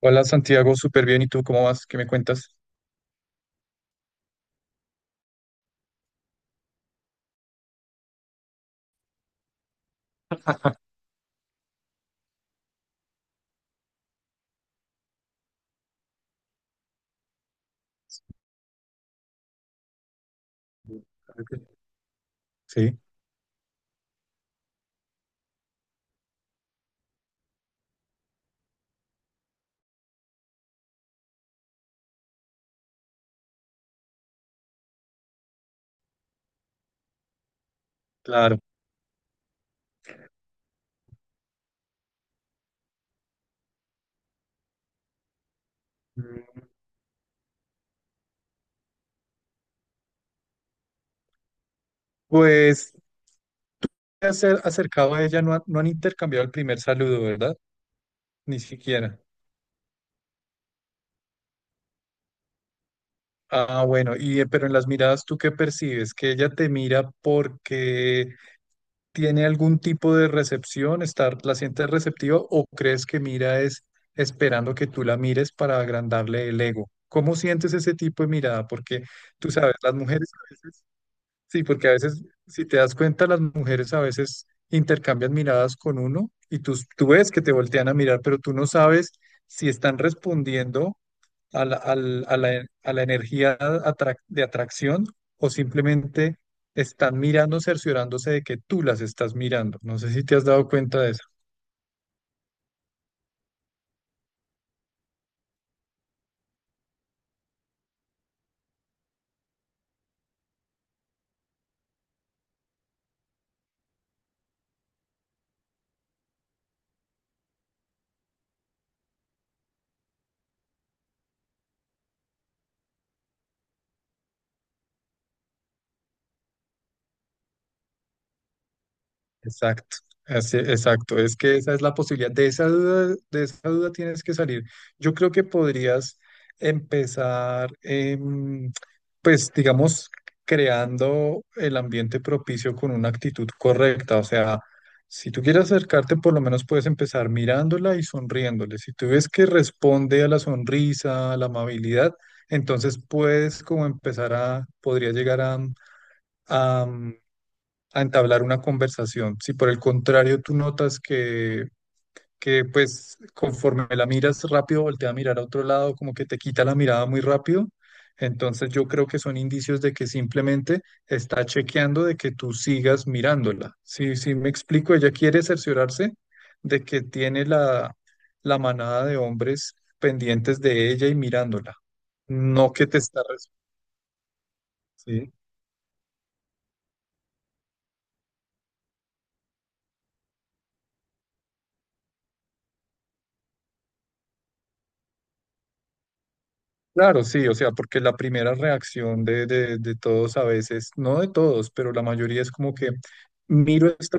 Hola Santiago, súper bien. ¿Y tú cómo vas? ¿Qué me cuentas? Sí, claro. Mm, pues acercado a ella no, no han intercambiado el primer saludo, ¿verdad? Ni siquiera. Ah, bueno, y pero en las miradas, ¿tú qué percibes? ¿Que ella te mira porque tiene algún tipo de recepción, estar, la sientes receptiva o crees que mira es esperando que tú la mires para agrandarle el ego? ¿Cómo sientes ese tipo de mirada? Porque tú sabes, las mujeres a veces. Sí, porque a veces, si te das cuenta, las mujeres a veces intercambian miradas con uno y tú ves que te voltean a mirar, pero tú no sabes si están respondiendo a la, al- a la de atracción o simplemente están mirando, cerciorándose de que tú las estás mirando. No sé si te has dado cuenta de eso. Exacto, exacto. Es que esa es la posibilidad. De esa duda tienes que salir. Yo creo que podrías empezar, pues, digamos, creando el ambiente propicio con una actitud correcta. O sea, si tú quieres acercarte, por lo menos puedes empezar mirándola y sonriéndole. Si tú ves que responde a la sonrisa, a la amabilidad, entonces puedes como empezar podría llegar a a entablar una conversación. Si por el contrario tú notas que pues conforme la miras rápido, voltea a mirar a otro lado, como que te quita la mirada muy rápido, entonces yo creo que son indicios de que simplemente está chequeando de que tú sigas mirándola. Sí, sí, me explico, ella quiere cerciorarse de que tiene la manada de hombres pendientes de ella y mirándola, no que te ¿sí? Claro, sí, o sea, porque la primera reacción de todos a veces, no de todos, pero la mayoría es como que miro esto,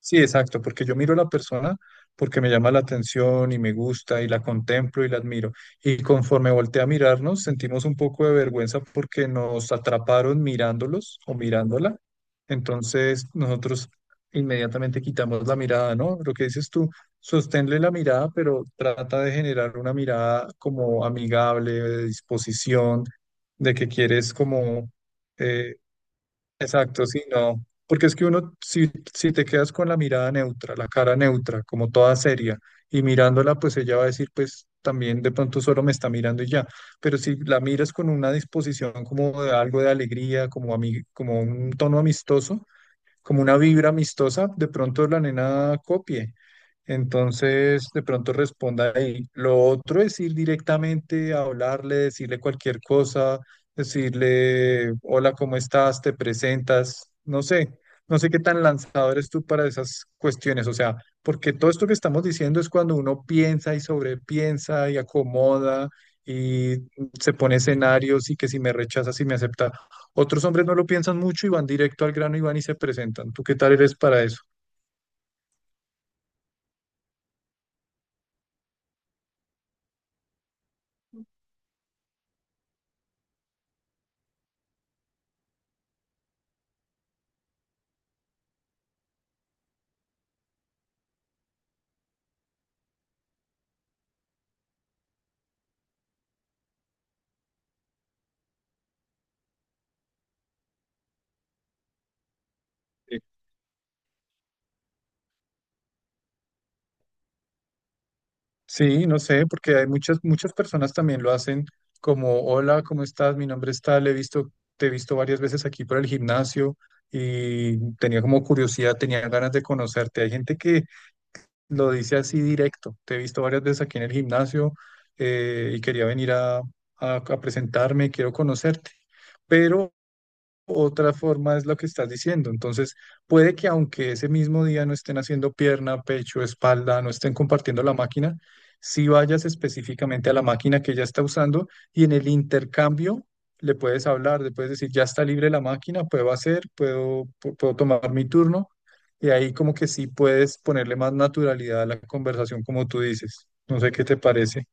sí, exacto, porque yo miro a la persona porque me llama la atención y me gusta y la contemplo y la admiro. Y conforme volteé a mirarnos, sentimos un poco de vergüenza porque nos atraparon mirándolos o mirándola. Entonces nosotros inmediatamente quitamos la mirada, ¿no? Lo que dices tú. Sosténle la mirada, pero trata de generar una mirada como amigable, de disposición, de que quieres eh, exacto, sí, no. Porque es que uno, si te quedas con la mirada neutra, la cara neutra, como toda seria, y mirándola, pues ella va a decir, pues también de pronto solo me está mirando y ya. Pero si la miras con una disposición como de algo de alegría, como, como un tono amistoso, como una vibra amistosa, de pronto la nena copie. Entonces, de pronto responda ahí. Lo otro es ir directamente a hablarle, decirle cualquier cosa, decirle, hola, ¿cómo estás? ¿Te presentas? No sé, no sé qué tan lanzador eres tú para esas cuestiones. O sea, porque todo esto que estamos diciendo es cuando uno piensa y sobrepiensa y acomoda y se pone escenarios y que si me rechaza, si me acepta. Otros hombres no lo piensan mucho y van directo al grano y van y se presentan. ¿Tú qué tal eres para eso? Sí, no sé, porque hay muchas personas también lo hacen como, hola, ¿cómo estás? Mi nombre es tal, te he visto varias veces aquí por el gimnasio y tenía como curiosidad, tenía ganas de conocerte. Hay gente que lo dice así directo, te he visto varias veces aquí en el gimnasio y quería venir a presentarme, quiero conocerte. Pero otra forma es lo que estás diciendo. Entonces, puede que aunque ese mismo día no estén haciendo pierna, pecho, espalda, no estén compartiendo la máquina, si vayas específicamente a la máquina que ella está usando y en el intercambio le puedes hablar, le puedes decir, ya está libre la máquina, puedo hacer, puedo, pu- puedo tomar mi turno. Y ahí como que sí puedes ponerle más naturalidad a la conversación, como tú dices. No sé qué te parece.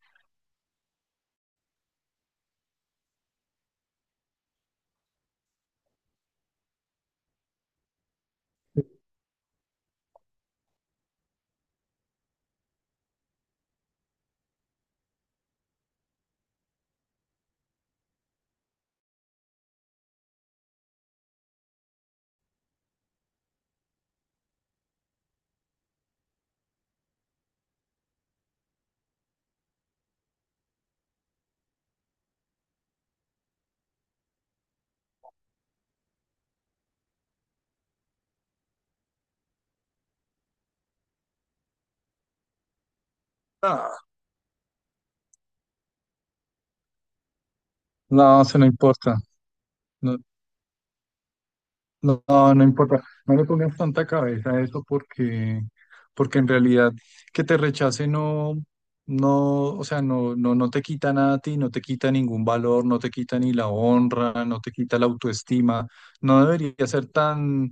Ah, no, se no importa. No, no, no importa, no le pongas tanta cabeza a eso porque, porque en realidad que te rechace no, no, o sea, no te quita nada a ti, no te quita ningún valor, no te quita ni la honra, no te quita la autoestima, no debería ser tan,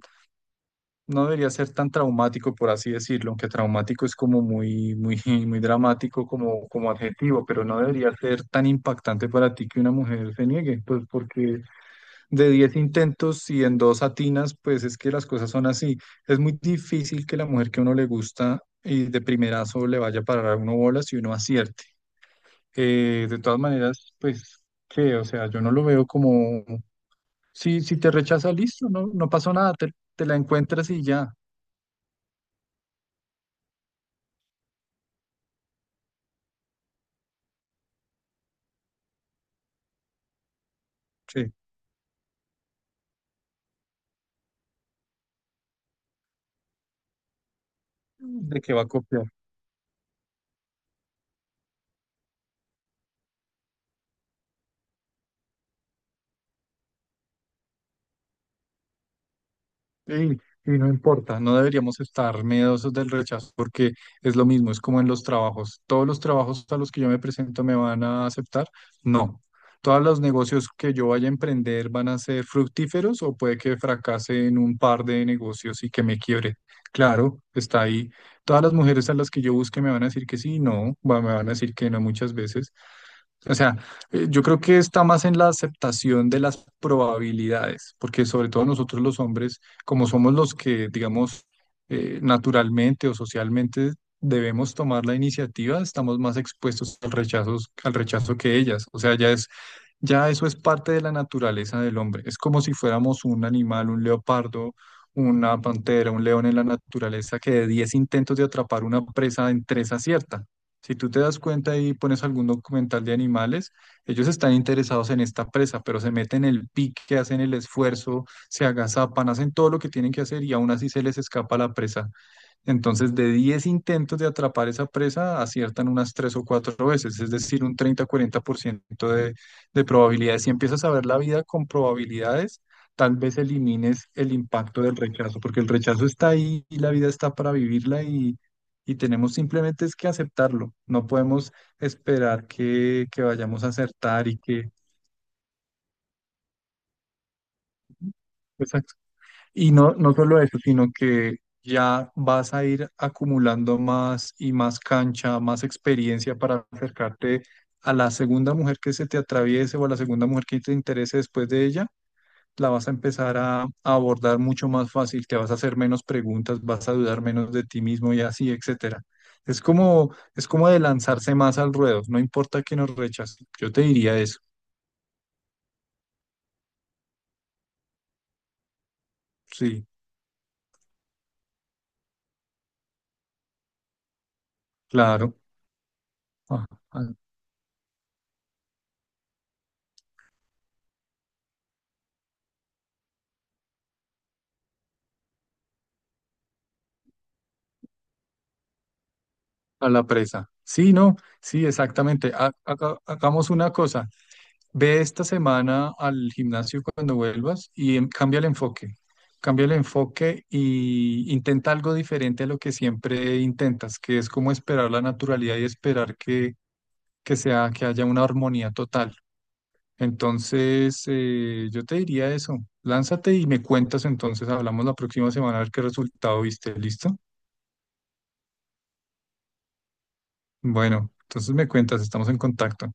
no debería ser tan traumático, por así decirlo, aunque traumático es como muy dramático como, como adjetivo, pero no debería ser tan impactante para ti que una mujer se niegue, pues porque de 10 intentos y en dos atinas, pues es que las cosas son así. Es muy difícil que la mujer que a uno le gusta y de primerazo le vaya a parar a uno bolas y uno acierte. De todas maneras, pues, qué o sea, yo no lo veo como, si te rechaza, listo, no, no pasó nada, te la encuentras y ya, sí, de qué va a copiar. Sí, y no importa, no deberíamos estar miedosos del rechazo porque es lo mismo, es como en los trabajos. ¿Todos los trabajos a los que yo me presento me van a aceptar? No. ¿Todos los negocios que yo vaya a emprender van a ser fructíferos o puede que fracase en un par de negocios y que me quiebre? Claro, está ahí. ¿Todas las mujeres a las que yo busque me van a decir que sí? No, me van a decir que no muchas veces. O sea, yo creo que está más en la aceptación de las probabilidades, porque sobre todo nosotros los hombres, como somos los que, digamos, naturalmente o socialmente debemos tomar la iniciativa, estamos más expuestos al rechazo que ellas. O sea, ya eso es parte de la naturaleza del hombre. Es como si fuéramos un animal, un leopardo, una pantera, un león en la naturaleza que de 10 intentos de atrapar una presa en tres acierta. Si tú te das cuenta y pones algún documental de animales, ellos están interesados en esta presa, pero se meten el pique, hacen el esfuerzo, se agazapan, hacen todo lo que tienen que hacer y aún así se les escapa la presa. Entonces, de 10 intentos de atrapar esa presa, aciertan unas 3 o 4 veces, es decir, un 30-40% de probabilidades. Si empiezas a ver la vida con probabilidades, tal vez elimines el impacto del rechazo, porque el rechazo está ahí y la vida está para vivirla y tenemos simplemente es que aceptarlo. No podemos esperar que vayamos a acertar y que... Y no, no solo eso, sino que ya vas a ir acumulando más y más cancha, más experiencia para acercarte a la segunda mujer que se te atraviese o a la segunda mujer que te interese después de ella, la vas a empezar a abordar mucho más fácil, te vas a hacer menos preguntas, vas a dudar menos de ti mismo y así, etcétera. Es como de lanzarse más al ruedo, no importa que nos rechacen. Yo te diría eso, sí, claro. Ah, ah. A la presa. Sí, no, sí, exactamente. Hagamos una cosa. Ve esta semana al gimnasio cuando vuelvas y cambia el enfoque. Cambia el enfoque y intenta algo diferente a lo que siempre intentas, que es como esperar la naturalidad y esperar que sea, que haya una armonía total. Entonces, yo te diría eso. Lánzate y me cuentas entonces. Hablamos la próxima semana a ver qué resultado viste. ¿Listo? Bueno, entonces me cuentas, estamos en contacto.